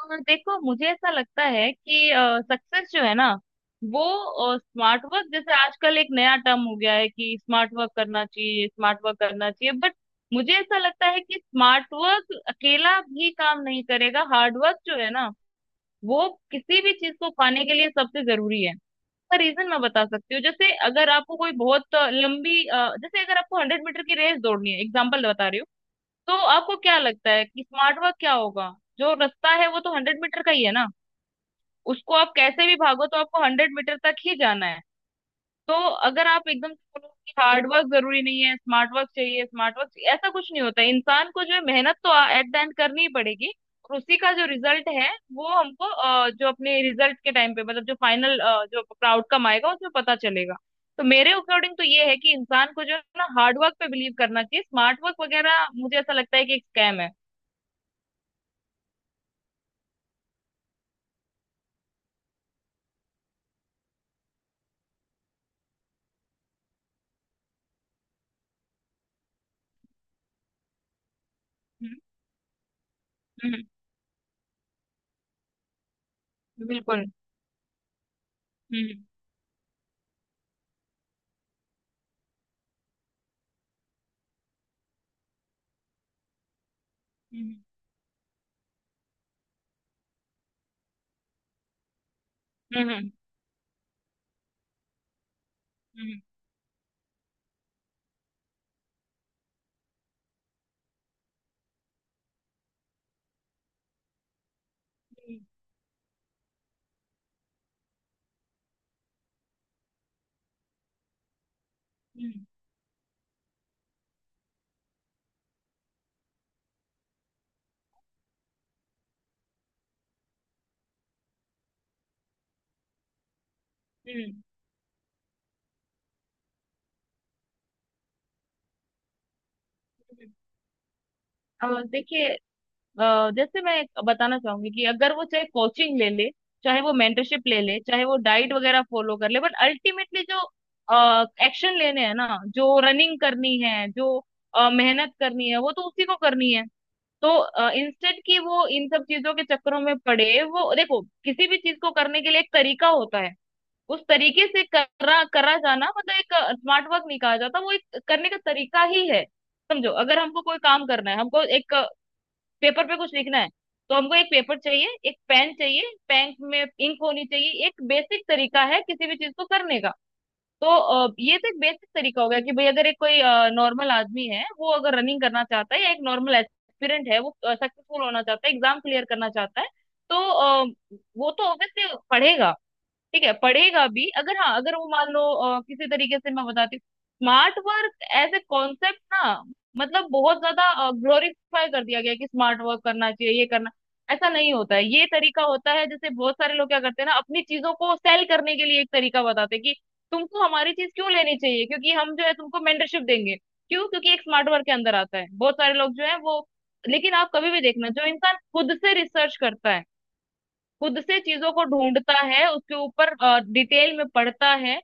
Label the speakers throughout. Speaker 1: और देखो, मुझे ऐसा लगता है कि सक्सेस जो है ना, वो स्मार्ट वर्क जैसे आजकल एक नया टर्म हो गया है कि स्मार्ट वर्क करना चाहिए, स्मार्ट वर्क करना चाहिए, बट मुझे ऐसा लगता है कि स्मार्ट वर्क अकेला भी काम नहीं करेगा। हार्ड वर्क जो है ना, वो किसी भी चीज को पाने के लिए सबसे जरूरी है। इसका रीजन मैं बता सकती हूँ। जैसे अगर आपको कोई बहुत लंबी जैसे अगर आपको 100 मीटर की रेस दौड़नी है, एग्जाम्पल बता रही हूँ। तो आपको क्या लगता है कि स्मार्ट वर्क क्या होगा? जो रास्ता है वो तो 100 मीटर का ही है ना। उसको आप कैसे भी भागो, तो आपको 100 मीटर तक ही जाना है। तो अगर आप एकदम से बोलो कि हार्ड वर्क जरूरी नहीं है, स्मार्ट वर्क चाहिए, स्मार्ट वर्क ऐसा कुछ नहीं होता है। इंसान को जो है मेहनत तो एट द एंड करनी ही पड़ेगी। और उसी का जो रिजल्ट है वो हमको जो अपने रिजल्ट के टाइम पे, मतलब जो फाइनल जो अपना आउटकम आएगा उसमें पता चलेगा। तो मेरे अकॉर्डिंग तो ये है कि इंसान को जो है ना हार्ड वर्क पे बिलीव करना चाहिए। स्मार्ट वर्क वगैरह मुझे ऐसा लगता है कि एक स्कैम है। हम्म। हम्म। बिल्कुल। हम्म। हम्म। हम्म। हम्म। हम्म। हम्म। हम्म। हम्म। देखिए। जैसे मैं एक बताना चाहूंगी कि अगर वो चाहे कोचिंग ले ले, चाहे वो मेंटरशिप ले ले, चाहे वो डाइट वगैरह फॉलो कर ले, बट अल्टीमेटली जो एक्शन लेने हैं ना, जो रनिंग करनी है, जो मेहनत करनी है, वो तो उसी को करनी है। तो इंस्टेंट की वो इन सब चीजों के चक्करों में पड़े, वो देखो किसी भी चीज को करने के लिए एक तरीका होता है। उस तरीके से करा करा जाना मतलब एक स्मार्ट वर्क नहीं कहा जाता, वो एक करने का तरीका ही है। समझो, अगर हमको कोई काम करना है, हमको एक पेपर पे कुछ लिखना है, तो हमको एक पेपर चाहिए, एक पेन चाहिए, पेन में इंक होनी चाहिए। एक बेसिक तरीका है किसी भी चीज को करने का। तो ये तो एक बेसिक तरीका हो गया कि भाई, अगर एक कोई नॉर्मल आदमी है, वो अगर रनिंग करना चाहता है, या एक नॉर्मल एस्पिरेंट है, वो सक्सेसफुल होना चाहता है, एग्जाम क्लियर करना चाहता है, तो वो तो ऑब्वियसली पढ़ेगा। ठीक है, पढ़ेगा भी। अगर हाँ, अगर वो मान लो, किसी तरीके से मैं बताती हूँ। Smart work as a concept ना, मतलब बहुत ज्यादा ग्लोरीफाई कर दिया गया है कि स्मार्ट वर्क करना चाहिए, ये करना। ऐसा नहीं होता है, ये तरीका होता है। जैसे बहुत सारे लोग क्या करते हैं ना, अपनी चीजों को सेल करने के लिए एक तरीका बताते हैं कि तुमको हमारी चीज क्यों लेनी चाहिए, क्योंकि हम जो है तुमको मेंटरशिप देंगे। क्यों? क्योंकि एक स्मार्ट वर्क के अंदर आता है। बहुत सारे लोग जो है वो। लेकिन आप कभी भी देखना, जो इंसान खुद से रिसर्च करता है, खुद से चीजों को ढूंढता है, उसके ऊपर डिटेल में पढ़ता है,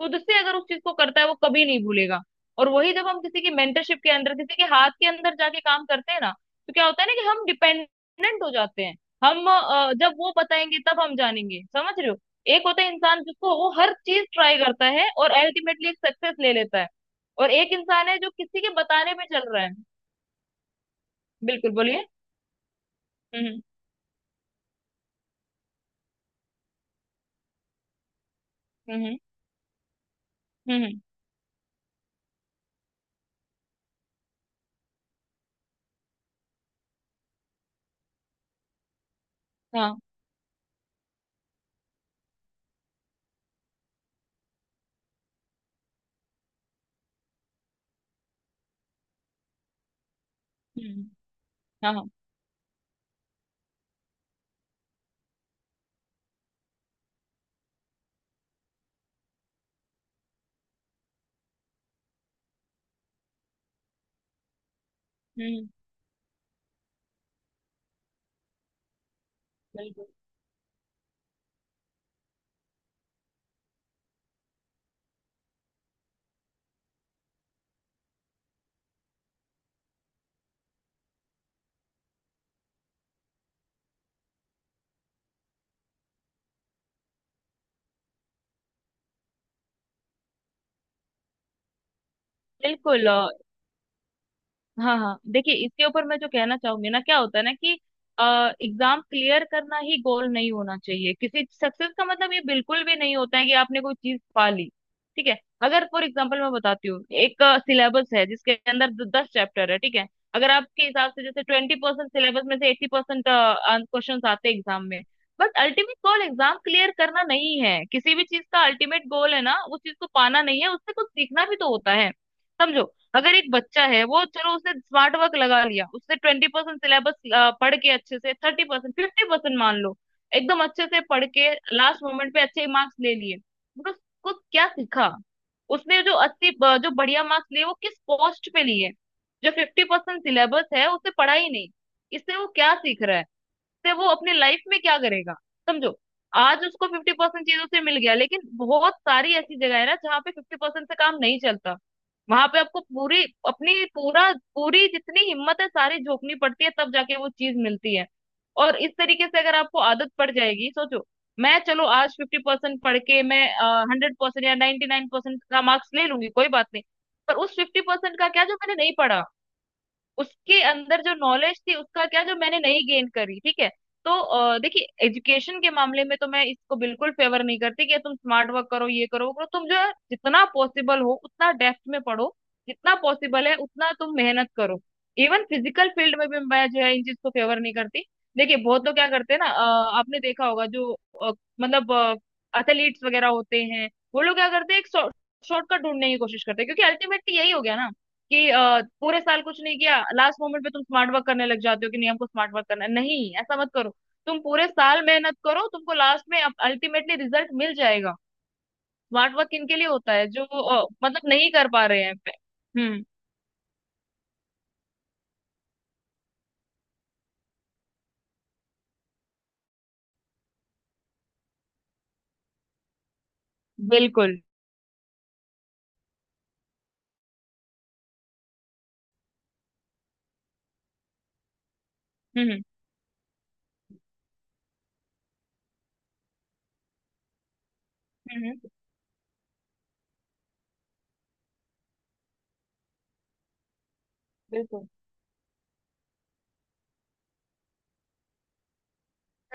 Speaker 1: खुद से अगर उस चीज को करता है, वो कभी नहीं भूलेगा। और वही जब हम किसी की मेंटरशिप के अंदर, किसी के हाथ के अंदर जाके काम करते हैं ना, तो क्या होता है ना कि हम डिपेंडेंट हो जाते हैं। हम जब वो बताएंगे तब हम जानेंगे, समझ रहे हो? एक होता है इंसान जिसको, वो हर चीज ट्राई करता है और अल्टीमेटली एक सक्सेस ले लेता है। और एक इंसान है जो किसी के बताने पे चल रहा है। बिल्कुल, बोलिए। हम्म। हम्म। हम्म। हम्म। हम्म। हाँ। हम्म। हाँ। हाँ। हम्म। बिल्कुल। बिल्कुल। हाँ, हाँ, देखिए, इसके ऊपर मैं जो कहना चाहूंगी ना, क्या होता है ना कि एग्जाम क्लियर करना ही गोल नहीं होना चाहिए। किसी सक्सेस का मतलब ये बिल्कुल भी नहीं होता है कि आपने कोई चीज पा ली। ठीक है। अगर फॉर एग्जाम्पल मैं बताती हूँ, एक सिलेबस है जिसके अंदर 10 चैप्टर है, ठीक है? अगर आपके हिसाब से जैसे 20% सिलेबस में से 80% क्वेश्चन आते हैं एग्जाम में। But ultimate goal exam clear करना नहीं है, किसी भी चीज का अल्टीमेट गोल है ना, उस चीज को पाना नहीं है, उससे कुछ सीखना भी तो होता है। समझो। अगर एक बच्चा है, वो चलो उसने स्मार्ट वर्क लगा लिया, उसने 20% सिलेबस पढ़ के, अच्छे से 30% 50% मान लो, एकदम अच्छे से पढ़ के लास्ट मोमेंट पे अच्छे मार्क्स ले लिए। मतलब उसको क्या सीखा? उसने जो 80 जो बढ़िया मार्क्स लिए वो किस पोस्ट पे लिए? जो 50% सिलेबस है उसे पढ़ा ही नहीं। इससे वो क्या सीख रहा है, से वो अपनी लाइफ में क्या करेगा? समझो। आज उसको 50% चीजों से मिल गया, लेकिन बहुत सारी ऐसी जगह है ना जहाँ पे 50% से काम नहीं चलता। वहां पे आपको पूरी अपनी पूरा पूरी जितनी हिम्मत है सारी झोंकनी पड़ती है, तब जाके वो चीज मिलती है। और इस तरीके से अगर आपको आदत पड़ जाएगी, सोचो, मैं चलो आज 50% पढ़ के मैं 100% या 99% का मार्क्स ले लूंगी, कोई बात नहीं। पर उस 50% का क्या जो मैंने नहीं पढ़ा, उसके अंदर जो नॉलेज थी उसका क्या जो मैंने नहीं गेन करी? ठीक है। तो देखिए, एजुकेशन के मामले में तो मैं इसको बिल्कुल फेवर नहीं करती कि तुम स्मार्ट वर्क करो, ये करो, वो करो। तुम जो है जितना पॉसिबल हो उतना डेप्थ में पढ़ो, जितना पॉसिबल है उतना तुम मेहनत करो। इवन फिजिकल फील्ड में भी मैं जो है इन चीज को फेवर नहीं करती। देखिए, बहुत लोग क्या करते हैं ना, आपने देखा होगा जो अ, मतलब एथलीट्स वगैरह होते हैं, वो लोग क्या करते हैं? एक शॉर्टकट ढूंढने की कोशिश करते हैं, क्योंकि अल्टीमेटली यही हो गया ना कि पूरे साल कुछ नहीं किया, लास्ट मोमेंट पे तुम स्मार्ट वर्क करने लग जाते हो कि नहीं, हमको स्मार्ट वर्क करना है। नहीं, ऐसा मत करो। तुम पूरे साल मेहनत करो, तुमको लास्ट में अल्टीमेटली रिजल्ट मिल जाएगा। स्मार्ट वर्क किन के लिए होता है? जो मतलब नहीं कर पा रहे हैं। हम्म। बिल्कुल। हम्म। हम्म। हम्म। बिल्कुल।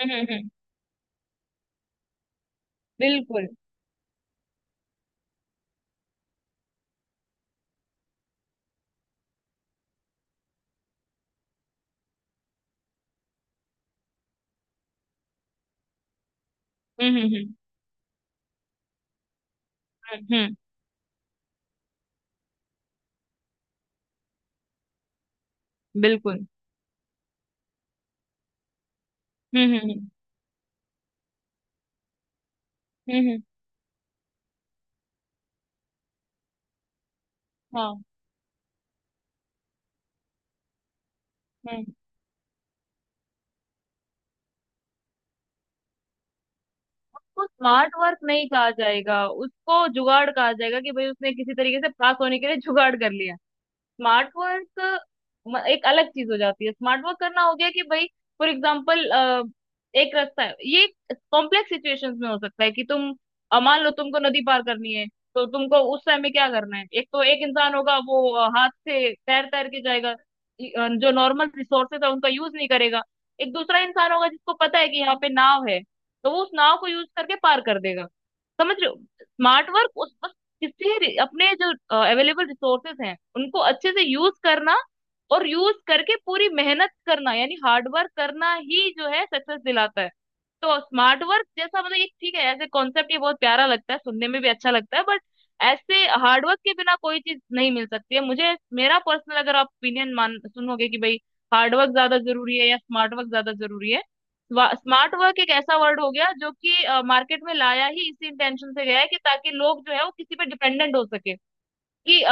Speaker 1: हम्म। हम्म। हम्म। बिल्कुल। हम्म। हम्म। हम्म। हम्म। हम्म। बिल्कुल। हम्म। हम्म। हम्म। हम्म। हम्म। हाँ। हम्म। उसको स्मार्ट वर्क नहीं कहा जाएगा, उसको जुगाड़ कहा जाएगा कि भाई उसने किसी तरीके से पास होने के लिए जुगाड़ कर लिया। स्मार्ट वर्क एक अलग चीज हो जाती है। स्मार्ट वर्क करना हो गया कि भाई, फॉर एग्जाम्पल, एक रास्ता है ये। कॉम्प्लेक्स सिचुएशंस में हो सकता है कि तुम मान लो तुमको नदी पार करनी है। तो तुमको उस समय में क्या करना है? एक तो एक इंसान होगा वो हाथ से तैर तैर के जाएगा, जो नॉर्मल रिसोर्सेज है उनका यूज नहीं करेगा। एक दूसरा इंसान होगा जिसको पता है कि यहाँ पे नाव है, तो वो उस नाव को यूज करके पार कर देगा। समझ रहे हो? स्मार्ट वर्क उस अपने जो अवेलेबल रिसोर्सेस हैं उनको अच्छे से यूज करना, और यूज करके पूरी मेहनत करना यानी हार्ड वर्क करना ही जो है सक्सेस दिलाता है। तो स्मार्ट वर्क जैसा मतलब ये ठीक है, ऐसे कॉन्सेप्ट ये बहुत प्यारा लगता है, सुनने में भी अच्छा लगता है, बट ऐसे हार्ड वर्क के बिना कोई चीज नहीं मिल सकती है मुझे। मेरा पर्सनल अगर आप ओपिनियन मान सुनोगे कि भाई हार्ड वर्क ज्यादा जरूरी है या स्मार्ट वर्क ज्यादा जरूरी है? स्मार्ट वर्क एक ऐसा वर्ड हो गया जो कि मार्केट में लाया ही इसी इंटेंशन से गया है, कि ताकि लोग जो है वो किसी पे डिपेंडेंट हो सके। कि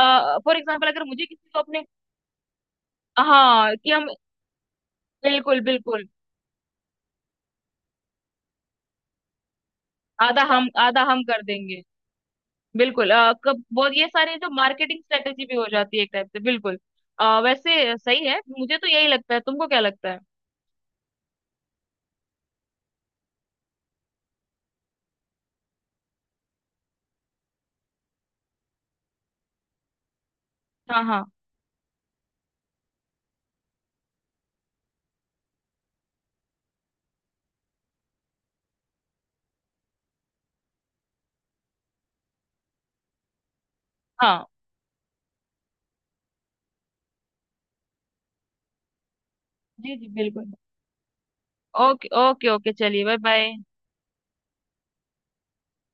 Speaker 1: फॉर एग्जाम्पल अगर मुझे किसी को अपने हाँ कि हम। बिल्कुल। बिल्कुल। आधा हम कर देंगे। बिल्कुल। कब बहुत, ये सारे जो मार्केटिंग स्ट्रेटेजी भी हो जाती है एक टाइप से। बिल्कुल। वैसे सही है, मुझे तो यही लगता है। तुमको क्या लगता है? हाँ, हाँ, हाँ। जी, जी, बिल्कुल। ओके, ओके, ओके, चलिए, बाय बाय।